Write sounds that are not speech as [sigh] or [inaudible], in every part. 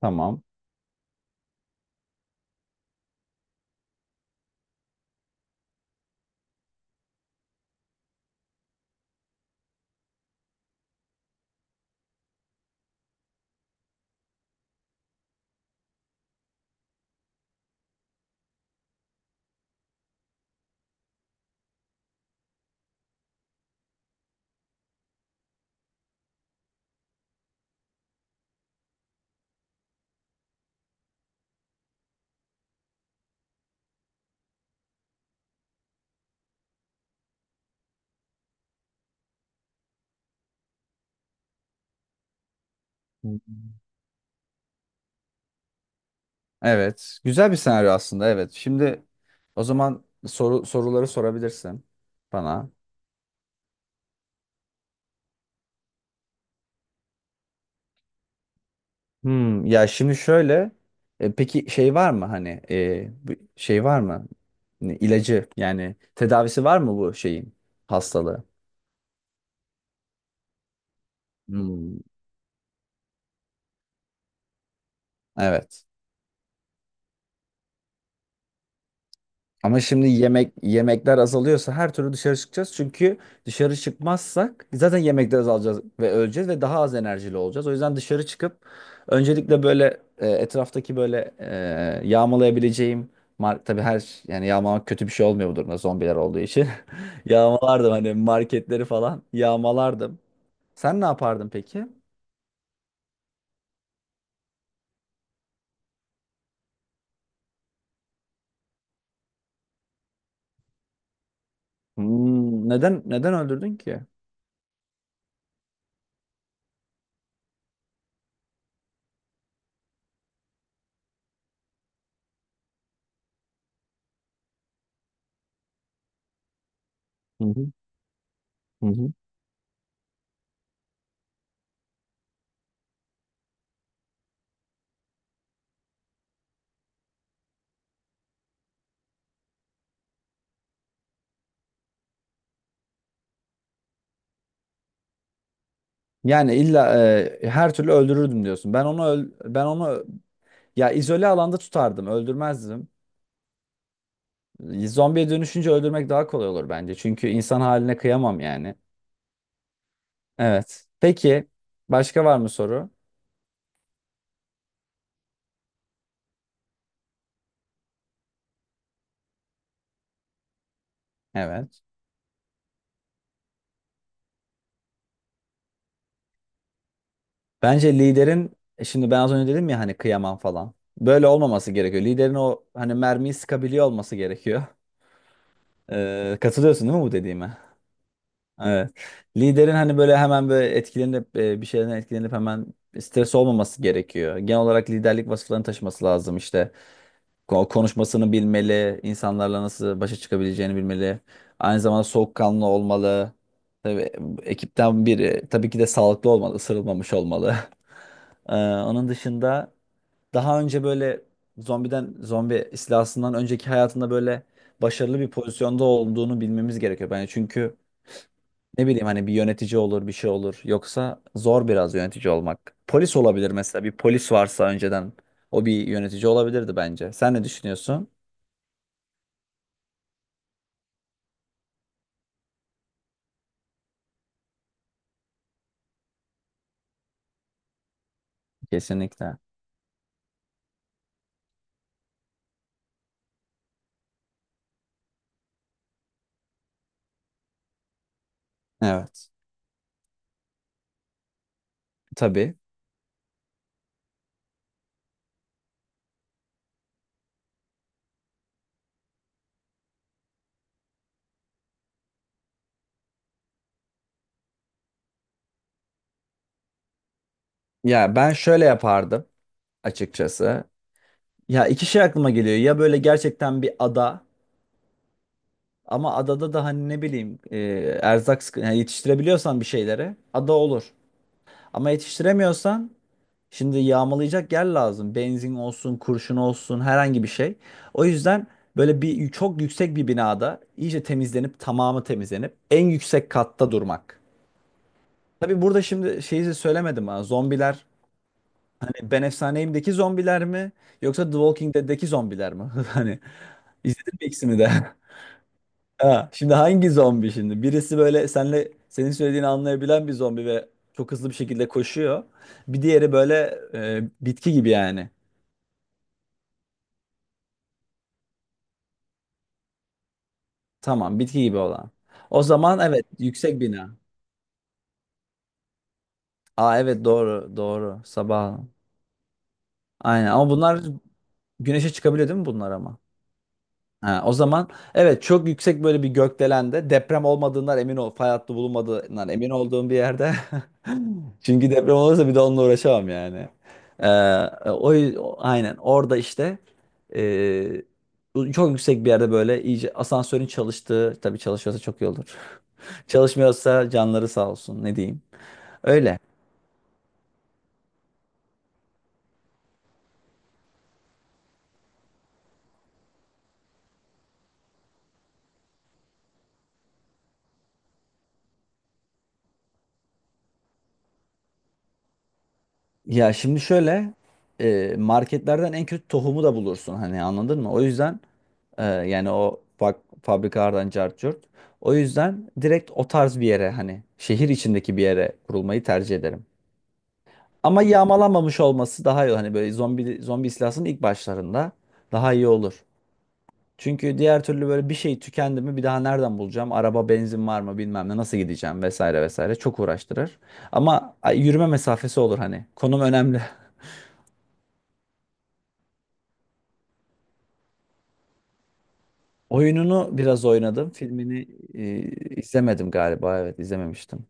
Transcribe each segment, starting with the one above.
Tamam. Hmm. Evet. Güzel bir senaryo aslında. Evet. Şimdi o zaman soruları sorabilirsin bana. Hmm, ya şimdi şöyle. Peki şey var mı hani şey var mı? Ne, İlacı yani tedavisi var mı bu şeyin hastalığı? Hmm. Evet. Ama şimdi yemekler azalıyorsa her türlü dışarı çıkacağız. Çünkü dışarı çıkmazsak zaten yemekler azalacağız ve öleceğiz ve daha az enerjili olacağız. O yüzden dışarı çıkıp öncelikle böyle etraftaki böyle yağmalayabileceğim tabii her yani yağmalamak kötü bir şey olmuyor bu durumda zombiler olduğu için. [laughs] Yağmalardım hani marketleri falan yağmalardım. Sen ne yapardın peki? Hmm, neden öldürdün ki? Hı hı. Hı hı. Yani illa her türlü öldürürdüm diyorsun. Ben onu ya izole alanda tutardım, öldürmezdim. Zombiye dönüşünce öldürmek daha kolay olur bence. Çünkü insan haline kıyamam yani. Evet. Peki başka var mı soru? Evet. Bence liderin, şimdi ben az önce dedim ya hani kıyamam falan. Böyle olmaması gerekiyor. Liderin o hani mermiyi sıkabiliyor olması gerekiyor. Katılıyorsun değil mi bu dediğime? Evet. Liderin hani böyle hemen böyle etkilenip, bir şeyden etkilenip hemen stres olmaması gerekiyor. Genel olarak liderlik vasıflarını taşıması lazım işte. Konuşmasını bilmeli, insanlarla nasıl başa çıkabileceğini bilmeli. Aynı zamanda soğukkanlı olmalı. Tabii ekipten biri tabii ki de sağlıklı olmalı, ısırılmamış olmalı. [laughs] Onun dışında daha önce böyle zombi istilasından önceki hayatında böyle başarılı bir pozisyonda olduğunu bilmemiz gerekiyor bence. Çünkü ne bileyim hani bir yönetici olur bir şey olur. Yoksa zor biraz yönetici olmak. Polis olabilir mesela, bir polis varsa önceden o bir yönetici olabilirdi bence. Sen ne düşünüyorsun? Kesinlikle. Evet. Tabii. Ya ben şöyle yapardım açıkçası. Ya iki şey aklıma geliyor. Ya böyle gerçekten bir ada, ama adada da hani ne bileyim, yani yetiştirebiliyorsan bir şeyleri, ada olur. Ama yetiştiremiyorsan, şimdi yağmalayacak yer lazım. Benzin olsun, kurşun olsun, herhangi bir şey. O yüzden böyle bir çok yüksek bir binada iyice temizlenip, tamamı temizlenip en yüksek katta durmak. Tabii burada şimdi şeyi de söylemedim ha. Zombiler hani Ben Efsaneyim'deki zombiler mi yoksa The Walking Dead'deki zombiler mi? [laughs] Hani izledin mi ikisini de? [laughs] Ha, şimdi hangi zombi şimdi? Birisi böyle senle senin söylediğini anlayabilen bir zombi ve çok hızlı bir şekilde koşuyor. Bir diğeri böyle bitki gibi yani. Tamam, bitki gibi olan. O zaman evet, yüksek bina. Aa evet doğru, doğru. Sabah. Aynen ama güneşe çıkabiliyor değil mi bunlar ama? Ha, o zaman evet, çok yüksek böyle bir gökdelende, deprem olmadığından emin ol. Fay hattı bulunmadığından emin olduğum bir yerde. [laughs] Çünkü deprem olursa bir de onunla uğraşamam yani. Ee, o, aynen orada işte, ee, bu çok yüksek bir yerde böyle iyice, asansörün çalıştığı, tabii çalışıyorsa çok iyi olur. [laughs] Çalışmıyorsa canları sağ olsun, ne diyeyim. Öyle. Ya şimdi şöyle, marketlerden en kötü tohumu da bulursun hani, anladın mı? O yüzden, yani o bak, fabrikalardan cart curt. O yüzden direkt o tarz bir yere, hani şehir içindeki bir yere kurulmayı tercih ederim. Ama yağmalanmamış olması daha iyi. Hani böyle zombi istilasının ilk başlarında daha iyi olur. Çünkü diğer türlü böyle bir şey tükendi mi bir daha nereden bulacağım? Araba, benzin var mı bilmem ne, nasıl gideceğim vesaire vesaire, çok uğraştırır. Ama ay, yürüme mesafesi olur hani. Konum önemli. [laughs] Oyununu biraz oynadım. Filmini izlemedim galiba. Evet, izlememiştim.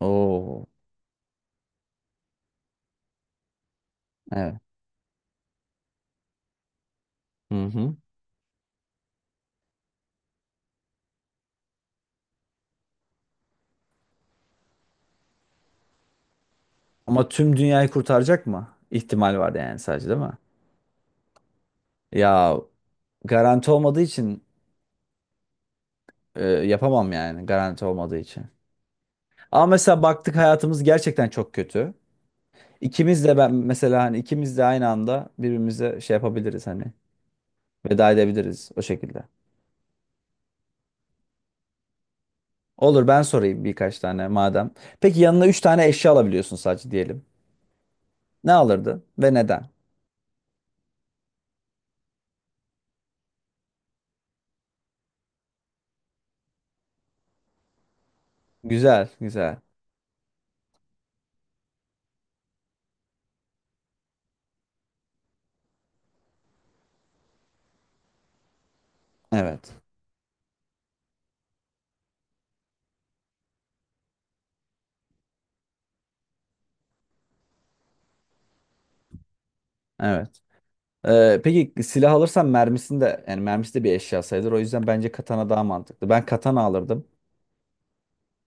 Oo, evet. Hı hı. Ama tüm dünyayı kurtaracak mı? İhtimal var yani, sadece değil mi? Ya garanti olmadığı için, yapamam yani, garanti olmadığı için. Ama mesela baktık hayatımız gerçekten çok kötü. İkimiz de, ben mesela hani ikimiz de aynı anda birbirimize şey yapabiliriz hani, veda edebiliriz o şekilde. Olur, ben sorayım birkaç tane madem. Peki yanına üç tane eşya alabiliyorsun sadece diyelim. Ne alırdın ve neden? Güzel, güzel. Evet, evet. Peki silah alırsan mermisini de, yani mermisi de bir eşya sayılır. O yüzden bence katana daha mantıklı. Ben katana alırdım.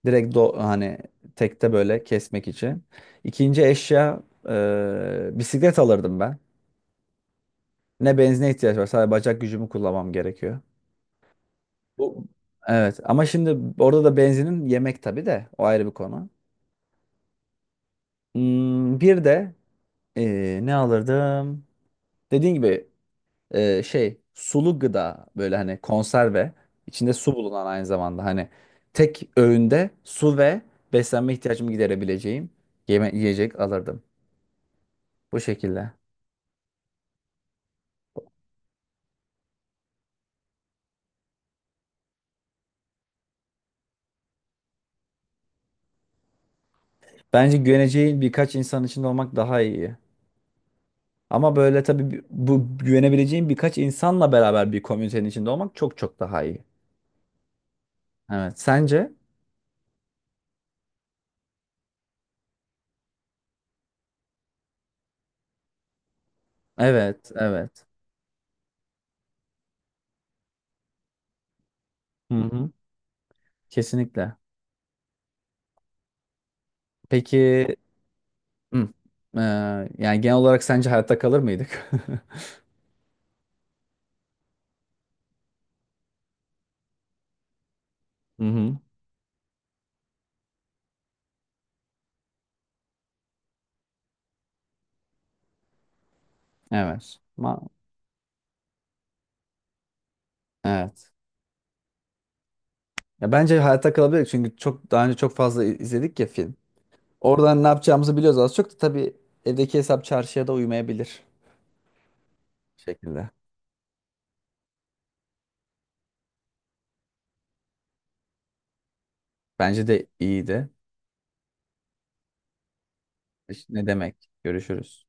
Direkt do hani tekte böyle kesmek için. İkinci eşya, bisiklet alırdım ben. Ne benzine ihtiyaç var. Sadece bacak gücümü kullanmam gerekiyor. Bu- Evet ama şimdi orada da benzinin yemek tabii de, o ayrı bir konu. Hmm, bir de ne alırdım? Dediğin gibi, şey, sulu gıda, böyle hani konserve içinde su bulunan, aynı zamanda hani tek öğünde su ve beslenme ihtiyacımı giderebileceğim yiyecek alırdım. Bu şekilde. Bence güveneceğin birkaç insan içinde olmak daha iyi. Ama böyle tabii bu güvenebileceğin birkaç insanla beraber bir komünitenin içinde olmak çok çok daha iyi. Evet. Sence? Evet, evet. Hı hı. Kesinlikle. Peki, hı, eee, yani genel olarak sence hayatta kalır mıydık? [laughs] Hı hı. Evet. Evet. Ya bence hayatta kalabilir çünkü çok daha önce çok fazla izledik ya film. Oradan ne yapacağımızı biliyoruz az çok, da tabii evdeki hesap çarşıya da uymayabilir şekilde. Bence de iyiydi. Ne demek? Görüşürüz.